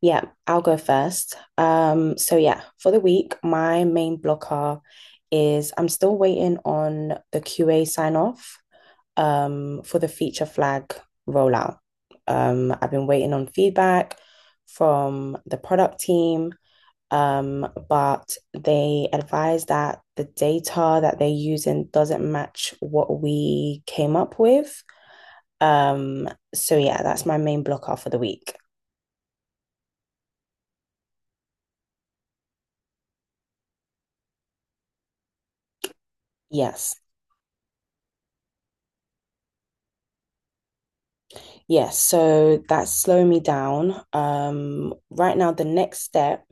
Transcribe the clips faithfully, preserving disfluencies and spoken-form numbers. Yeah, I'll go first. Um, so yeah, for the week, my main blocker is I'm still waiting on the Q A sign off um for the feature flag rollout. Um, I've been waiting on feedback from the product team, um, but they advised that the data that they're using doesn't match what we came up with. Um, so yeah, that's my main blocker for the week. Yes. Yes, so that's slowing me down. Um, right now, the next step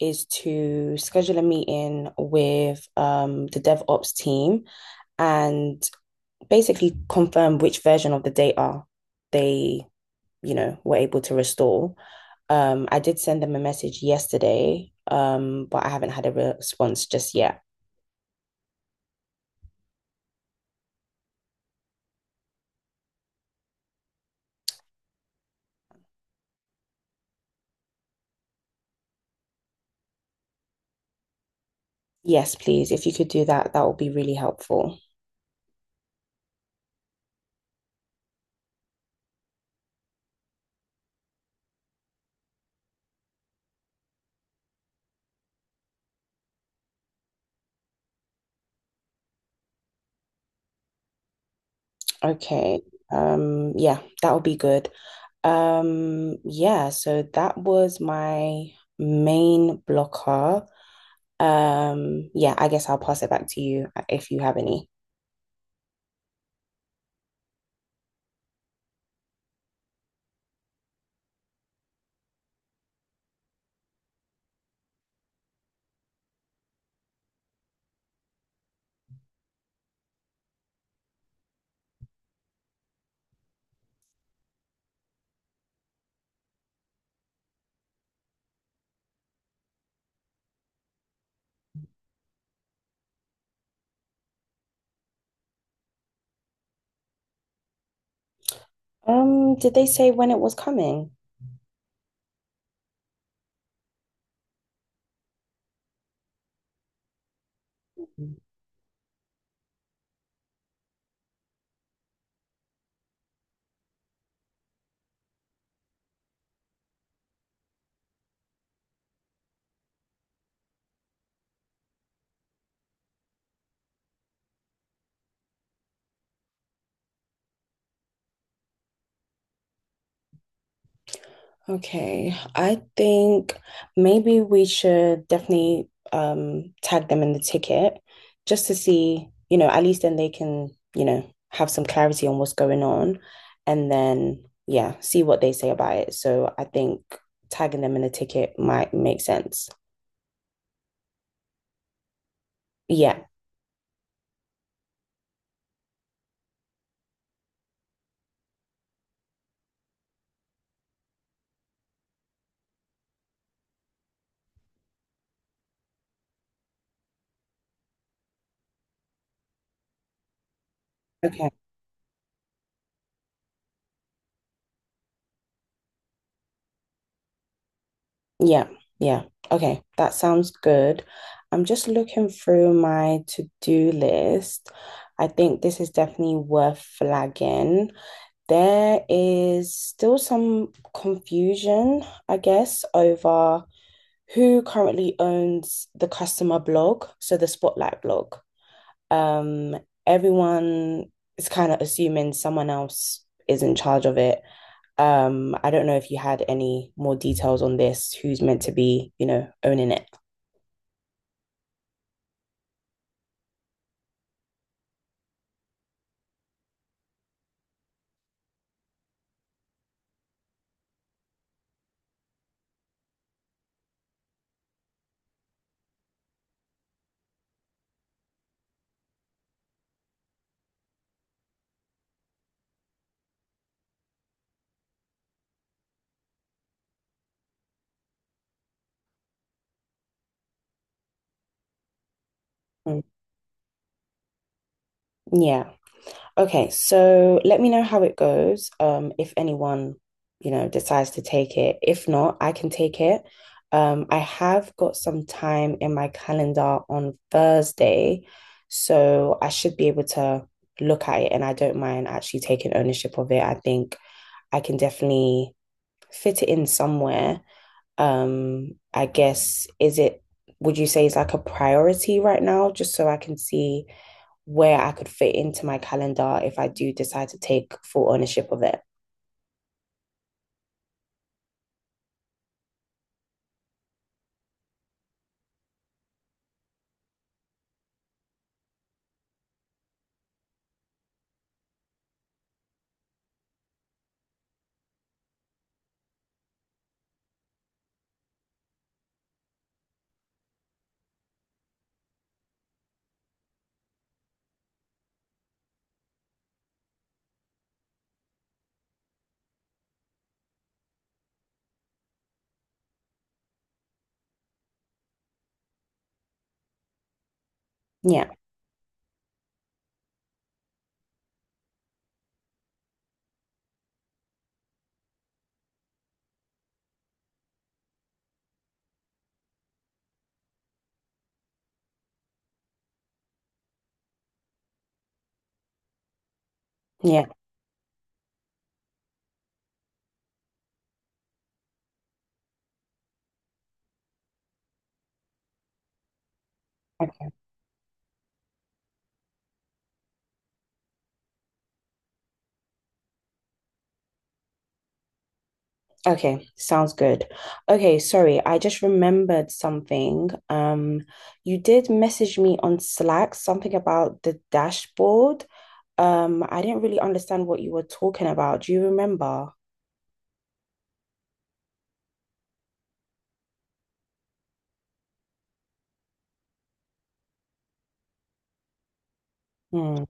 is to schedule a meeting with um, the DevOps team and basically confirm which version of the data they, you know, were able to restore. Um, I did send them a message yesterday, um, but I haven't had a response just yet. Yes, please. If you could do that, that would be really helpful. Okay. Um, yeah, that would be good. Um, yeah, so that was my main blocker. Um, yeah, I guess I'll pass it back to you uh, if you have any. Um, did they say when it was coming? Mm. Okay, I think maybe we should definitely um tag them in the ticket just to see, you know, at least then they can, you know, have some clarity on what's going on and then yeah, see what they say about it. So I think tagging them in the ticket might make sense. Yeah. Okay. Yeah. Yeah. Okay, that sounds good. I'm just looking through my to-do list. I think this is definitely worth flagging. There is still some confusion, I guess, over who currently owns the customer blog, so the Spotlight blog. Um, Everyone is kind of assuming someone else is in charge of it, um, I don't know if you had any more details on this, who's meant to be, you know, owning it. Mm. Yeah. Okay, so let me know how it goes. Um, if anyone, you know, decides to take it. If not, I can take it. Um, I have got some time in my calendar on Thursday, so I should be able to look at it and I don't mind actually taking ownership of it. I think I can definitely fit it in somewhere. Um, I guess is it, would you say it's like a priority right now, just so I can see where I could fit into my calendar if I do decide to take full ownership of it. Yeah, yeah. Okay. Okay, sounds good. Okay, sorry, I just remembered something. Um, you did message me on Slack something about the dashboard. Um, I didn't really understand what you were talking about. Do you remember? Hmm.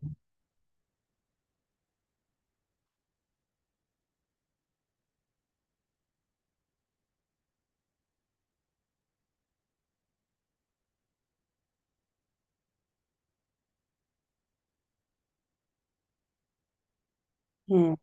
Hmm.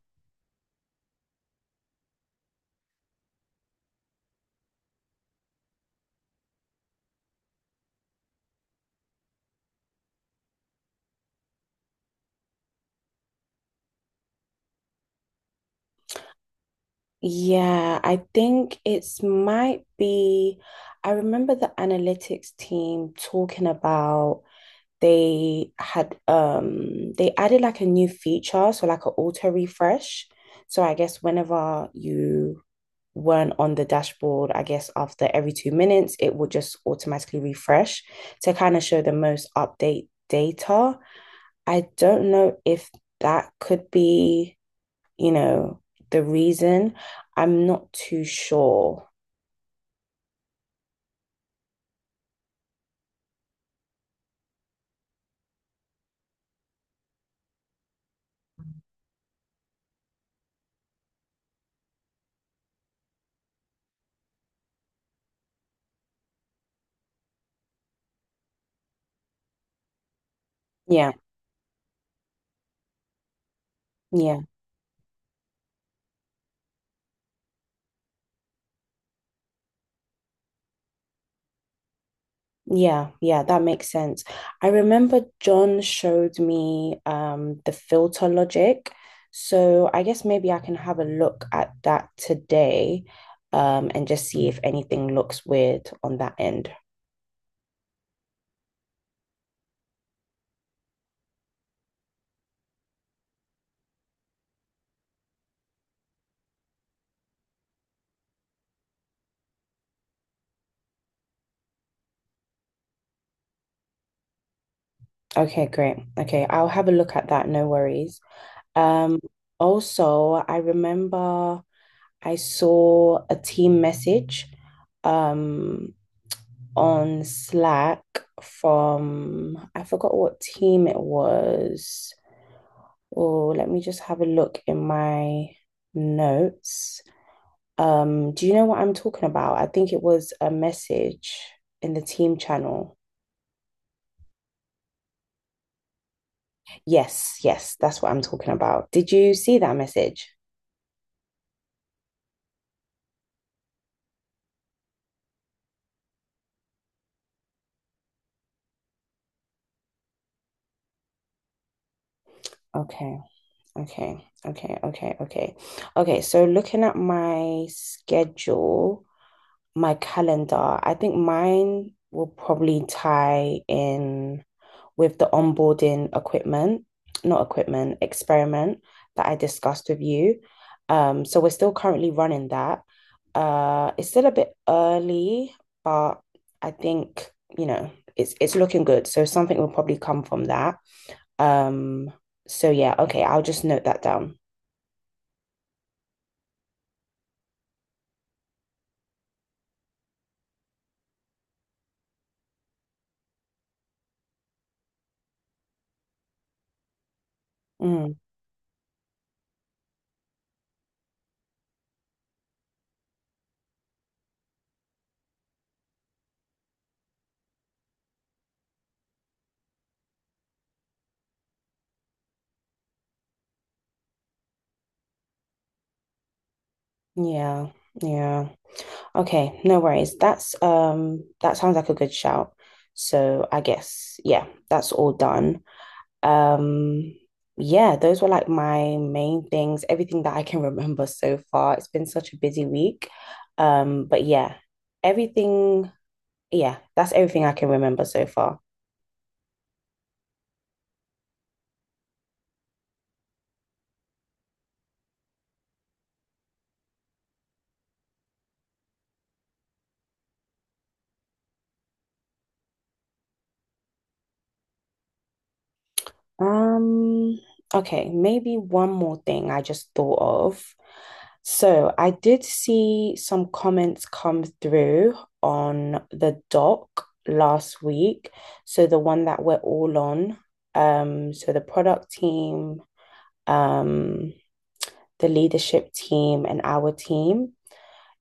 Yeah, I think it's might be. I remember the analytics team talking about they had um they added like a new feature, so like an auto refresh. So I guess whenever you weren't on the dashboard, I guess after every two minutes, it would just automatically refresh to kind of show the most update data. I don't know if that could be, you know, the reason. I'm not too sure. Yeah, yeah, yeah, yeah, that makes sense. I remember John showed me um the filter logic. So I guess maybe I can have a look at that today um and just see if anything looks weird on that end. Okay, great. Okay, I'll have a look at that, no worries. Um also I remember I saw a team message um on Slack from I forgot what team it was. Oh, let me just have a look in my notes. Um, do you know what I'm talking about? I think it was a message in the team channel. Yes, yes, that's what I'm talking about. Did you see that message? Okay, okay, okay, okay, okay. Okay, so looking at my schedule, my calendar, I think mine will probably tie in with the onboarding equipment, not equipment, experiment that I discussed with you. Um, so we're still currently running that. Uh, it's still a bit early, but I think, you know, it's it's looking good. So something will probably come from that. Um, so yeah, okay, I'll just note that down. Mm, yeah, yeah. Okay, no worries. That's um that sounds like a good shout. So I guess yeah, that's all done. Um yeah, those were like my main things, everything that I can remember so far. It's been such a busy week. Um but yeah, everything yeah, that's everything I can remember so far. Um okay, maybe one more thing I just thought of. So I did see some comments come through on the doc last week. So the one that we're all on. Um, so the product team, um, the leadership team, and our team.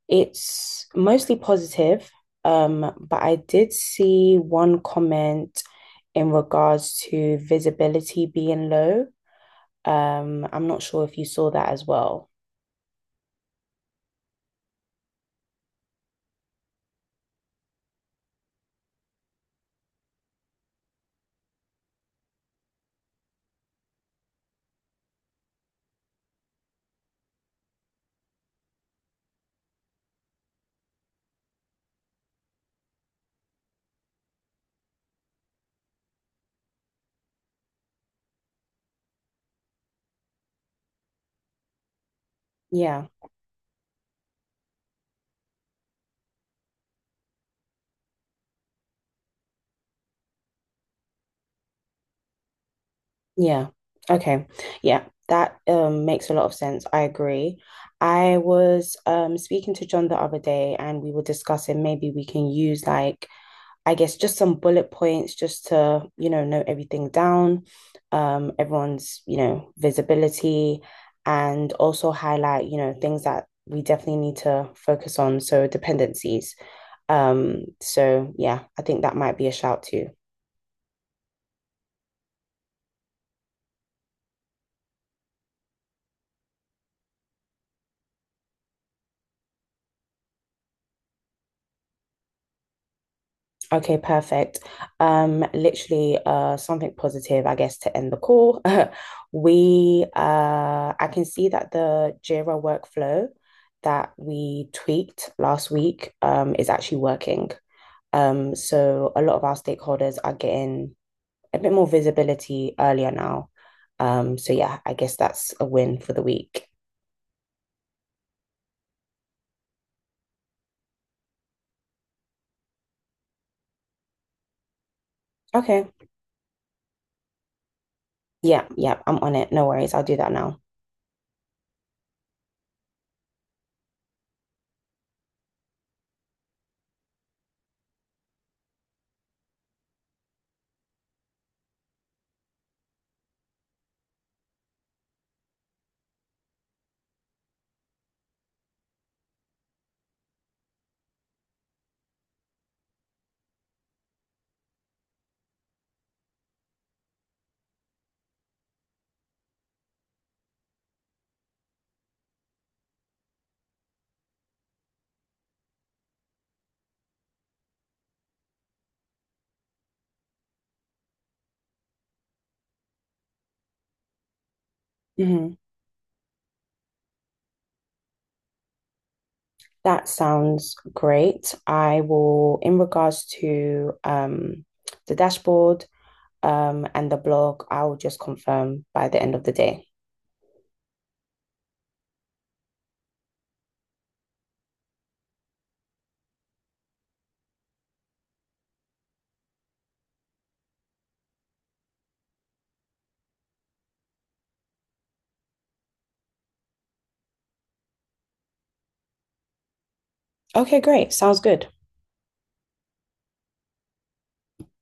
It's mostly positive. Um, but I did see one comment in regards to visibility being low. Um, I'm not sure if you saw that as well. Yeah. Yeah. Okay. Yeah, that um makes a lot of sense. I agree. I was um speaking to John the other day and we were discussing maybe we can use like I guess just some bullet points just to, you know, note everything down, um everyone's, you know, visibility and also highlight, you know, things that we definitely need to focus on, so dependencies. Um so yeah, I think that might be a shout too. Okay, perfect. Um, literally, uh, something positive, I guess, to end the call. We, uh, I can see that the Jira workflow that we tweaked last week, um, is actually working. Um, so a lot of our stakeholders are getting a bit more visibility earlier now. Um, so yeah, I guess that's a win for the week. Okay. Yeah, yeah, I'm on it. No worries. I'll do that now. Mhm. That sounds great. I will, in regards to um, the dashboard um, and the blog, I'll just confirm by the end of the day. Okay, great. Sounds good.